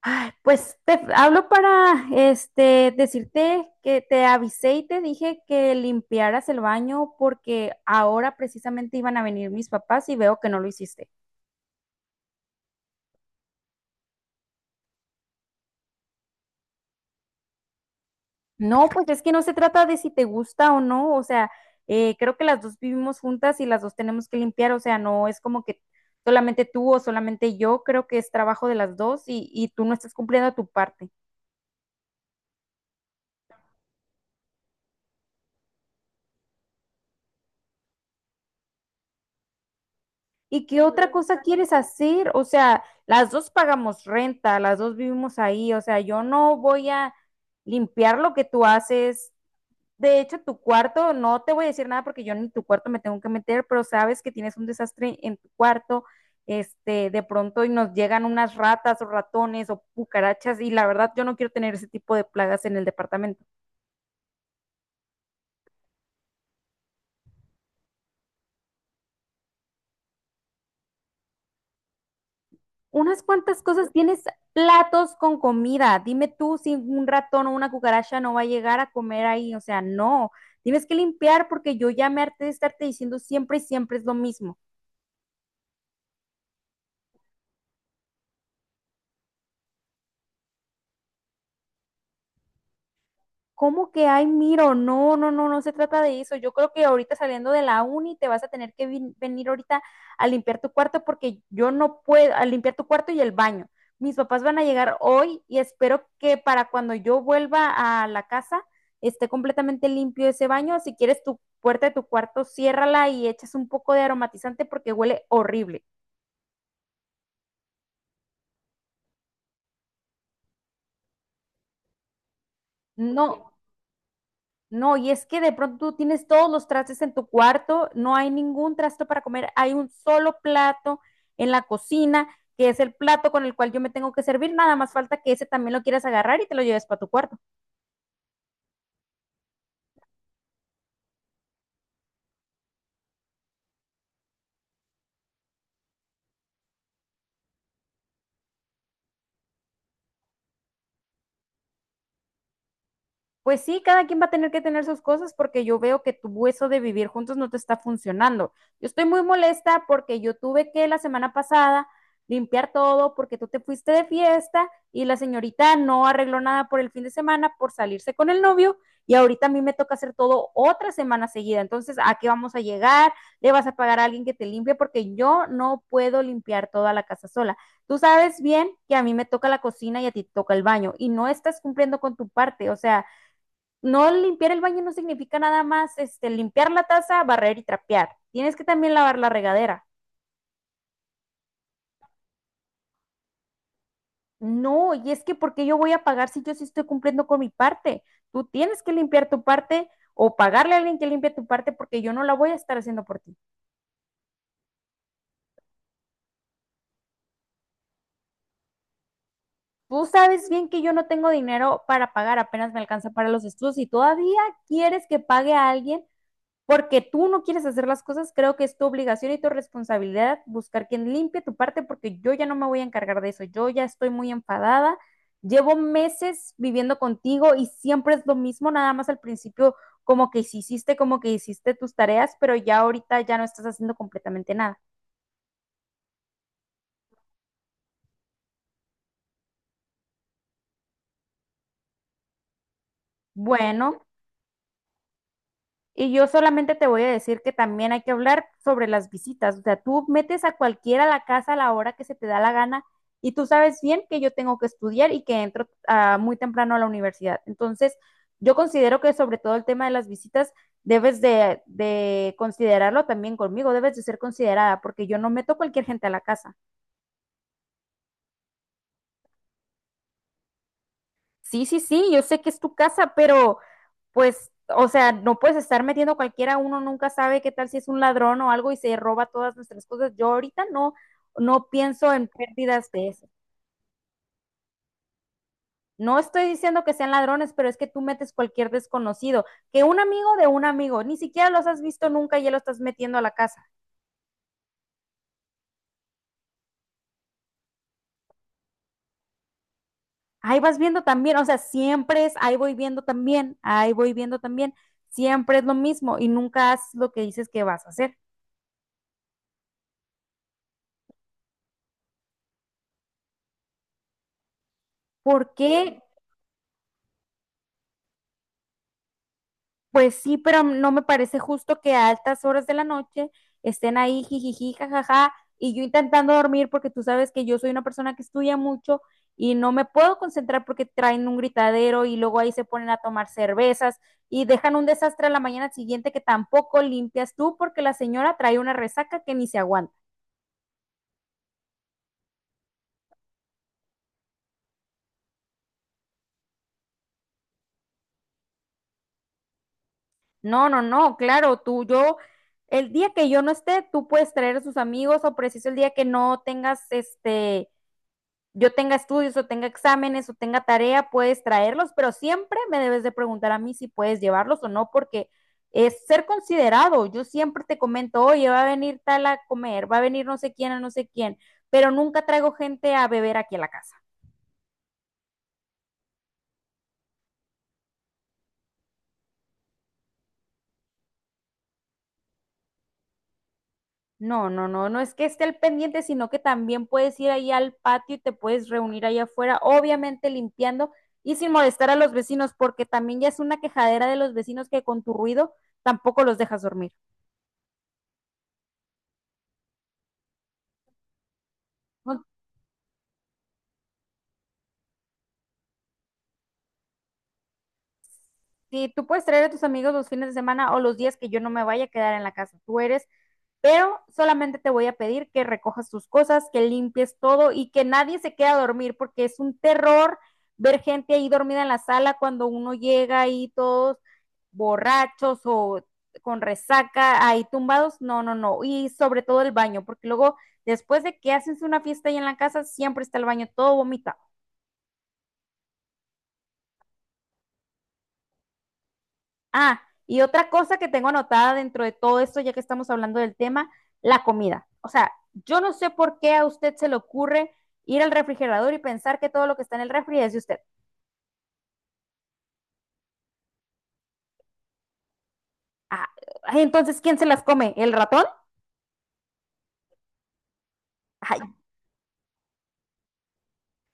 Ay, pues te hablo para decirte que te avisé y te dije que limpiaras el baño porque ahora precisamente iban a venir mis papás y veo que no lo hiciste. No, pues es que no se trata de si te gusta o no, o sea, creo que las dos vivimos juntas y las dos tenemos que limpiar, o sea, no es como que solamente tú o solamente yo, creo que es trabajo de las dos y tú no estás cumpliendo tu parte. ¿Y qué otra cosa quieres hacer? O sea, las dos pagamos renta, las dos vivimos ahí, o sea, yo no voy a limpiar lo que tú haces. De hecho, tu cuarto, no te voy a decir nada porque yo ni tu cuarto me tengo que meter, pero sabes que tienes un desastre en tu cuarto, de pronto y nos llegan unas ratas o ratones o cucarachas y la verdad yo no quiero tener ese tipo de plagas en el departamento. Unas cuantas cosas, tienes platos con comida. Dime tú si un ratón o una cucaracha no va a llegar a comer ahí. O sea, no. Tienes que limpiar porque yo ya me harté de estarte diciendo siempre y siempre es lo mismo. ¿Cómo que ay, miro? No, no, no, no se trata de eso. Yo creo que ahorita saliendo de la uni te vas a tener que venir ahorita a limpiar tu cuarto porque yo no puedo, a limpiar tu cuarto y el baño. Mis papás van a llegar hoy y espero que para cuando yo vuelva a la casa esté completamente limpio ese baño. Si quieres tu puerta de tu cuarto, ciérrala y echas un poco de aromatizante porque huele horrible. No. No, y es que de pronto tú tienes todos los trastes en tu cuarto, no hay ningún trasto para comer, hay un solo plato en la cocina, que es el plato con el cual yo me tengo que servir, nada más falta que ese también lo quieras agarrar y te lo lleves para tu cuarto. Pues sí, cada quien va a tener que tener sus cosas porque yo veo que tu eso de vivir juntos no te está funcionando. Yo estoy muy molesta porque yo tuve que la semana pasada limpiar todo porque tú te fuiste de fiesta y la señorita no arregló nada por el fin de semana por salirse con el novio y ahorita a mí me toca hacer todo otra semana seguida. Entonces, ¿a qué vamos a llegar? ¿Le vas a pagar a alguien que te limpie? Porque yo no puedo limpiar toda la casa sola. Tú sabes bien que a mí me toca la cocina y a ti te toca el baño y no estás cumpliendo con tu parte. O sea, no limpiar el baño no significa nada más limpiar la taza, barrer y trapear. Tienes que también lavar la regadera. No, y es que ¿porque yo voy a pagar si yo sí estoy cumpliendo con mi parte? Tú tienes que limpiar tu parte o pagarle a alguien que limpie tu parte porque yo no la voy a estar haciendo por ti. Tú sabes bien que yo no tengo dinero para pagar, apenas me alcanza para los estudios y todavía quieres que pague a alguien porque tú no quieres hacer las cosas, creo que es tu obligación y tu responsabilidad buscar quien limpie tu parte porque yo ya no me voy a encargar de eso, yo ya estoy muy enfadada, llevo meses viviendo contigo y siempre es lo mismo, nada más al principio como que como que hiciste tus tareas, pero ya ahorita ya no estás haciendo completamente nada. Bueno, y yo solamente te voy a decir que también hay que hablar sobre las visitas. O sea, tú metes a cualquiera a la casa a la hora que se te da la gana y tú sabes bien que yo tengo que estudiar y que entro muy temprano a la universidad. Entonces, yo considero que sobre todo el tema de las visitas de considerarlo también conmigo, debes de ser considerada porque yo no meto cualquier gente a la casa. Sí, sí, sí, yo sé que es tu casa, pero pues, o sea, no puedes estar metiendo cualquiera, uno nunca sabe qué tal si es un ladrón o algo y se roba todas nuestras cosas. Yo ahorita no pienso en pérdidas de eso. No estoy diciendo que sean ladrones, pero es que tú metes cualquier desconocido, que un amigo de un amigo, ni siquiera los has visto nunca y ya lo estás metiendo a la casa. Ahí vas viendo también, o sea, siempre es, ahí voy viendo también, ahí voy viendo también, siempre es lo mismo y nunca haces lo que dices que vas a hacer. ¿Por qué pues sí, pero no me parece justo que a altas horas de la noche estén ahí jijiji, jajaja, y yo intentando dormir porque tú sabes que yo soy una persona que estudia mucho y no me puedo concentrar porque traen un gritadero y luego ahí se ponen a tomar cervezas y dejan un desastre a la mañana siguiente que tampoco limpias tú porque la señora trae una resaca que ni se aguanta. No, no, no, claro, tú, yo, el día que yo no esté, tú puedes traer a sus amigos o preciso el día que no tengas yo tenga estudios o tenga exámenes o tenga tarea, puedes traerlos, pero siempre me debes de preguntar a mí si puedes llevarlos o no, porque es ser considerado. Yo siempre te comento, oye, va a venir tal a comer, va a venir no sé quién a no sé quién, pero nunca traigo gente a beber aquí a la casa. No, no, no, no es que esté al pendiente, sino que también puedes ir ahí al patio y te puedes reunir ahí afuera, obviamente limpiando y sin molestar a los vecinos, porque también ya es una quejadera de los vecinos que con tu ruido tampoco los dejas dormir. No. Sí, tú puedes traer a tus amigos los fines de semana o los días que yo no me vaya a quedar en la casa. Tú eres, pero solamente te voy a pedir que recojas tus cosas, que limpies todo y que nadie se quede a dormir, porque es un terror ver gente ahí dormida en la sala cuando uno llega ahí todos borrachos o con resaca, ahí tumbados. No, no, no. Y sobre todo el baño, porque luego después de que haces una fiesta ahí en la casa, siempre está el baño todo vomitado. Ah, y otra cosa que tengo anotada dentro de todo esto, ya que estamos hablando del tema, la comida. O sea, yo no sé por qué a usted se le ocurre ir al refrigerador y pensar que todo lo que está en el refri es de usted. Ah, entonces, ¿quién se las come? ¿El ratón? Ah,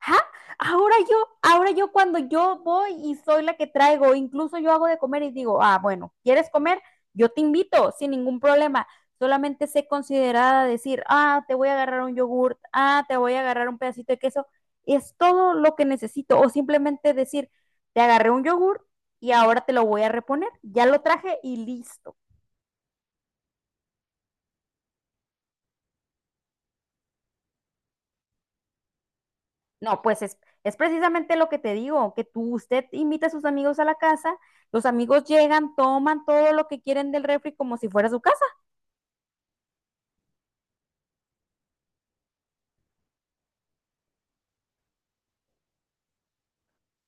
¿ah? Ahora yo cuando yo voy y soy la que traigo, incluso yo hago de comer y digo, ah, bueno, ¿quieres comer? Yo te invito sin ningún problema. Solamente sé considerada decir, ah, te voy a agarrar un yogurt, ah, te voy a agarrar un pedacito de queso. Es todo lo que necesito. O simplemente decir, te agarré un yogurt y ahora te lo voy a reponer. Ya lo traje y listo. No, pues es precisamente lo que te digo, que tú, usted invita a sus amigos a la casa, los amigos llegan, toman todo lo que quieren del refri como si fuera su casa.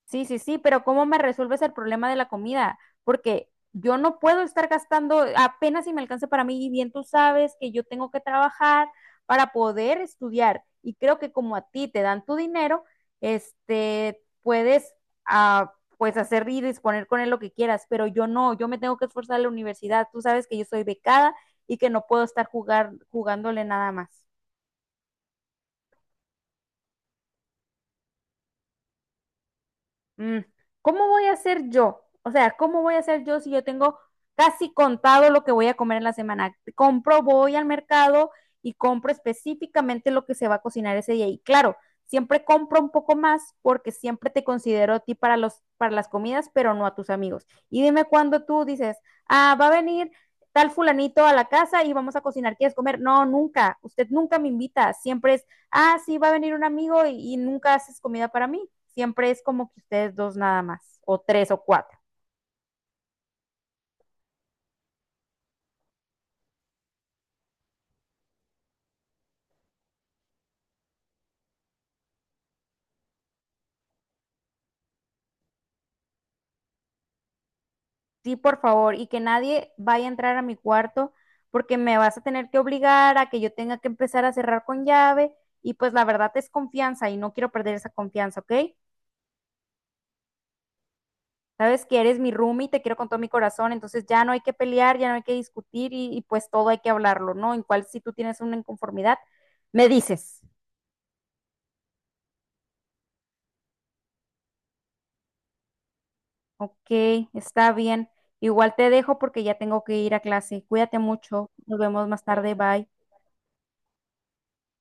Sí, sí, sí, pero ¿cómo me resuelves el problema de la comida? Porque yo no puedo estar gastando apenas si me alcanza para mí y bien tú sabes que yo tengo que trabajar para poder estudiar y creo que como a ti te dan tu dinero, puedes ah, pues hacer y disponer con él lo que quieras, pero yo no, yo me tengo que esforzar en la universidad, tú sabes que yo soy becada y que no puedo estar jugándole nada más. Mm, ¿cómo voy a hacer yo? O sea, ¿cómo voy a hacer yo si yo tengo casi contado lo que voy a comer en la semana? Compro, voy al mercado y compro específicamente lo que se va a cocinar ese día. Y claro, siempre compro un poco más porque siempre te considero a ti para para las comidas, pero no a tus amigos. Y dime cuando tú dices, ah, va a venir tal fulanito a la casa y vamos a cocinar, ¿quieres comer? No, nunca. Usted nunca me invita. Siempre es, ah, sí, va a venir un amigo y nunca haces comida para mí. Siempre es como que ustedes dos nada más, o tres o cuatro. Sí, por favor, y que nadie vaya a entrar a mi cuarto porque me vas a tener que obligar a que yo tenga que empezar a cerrar con llave y pues la verdad es confianza y no quiero perder esa confianza, ¿ok? Sabes que eres mi roomie y te quiero con todo mi corazón, entonces ya no hay que pelear, ya no hay que discutir y pues todo hay que hablarlo, ¿no? En cual si tú tienes una inconformidad, me dices, ok, está bien, igual te dejo porque ya tengo que ir a clase, cuídate mucho, nos vemos más tarde, bye.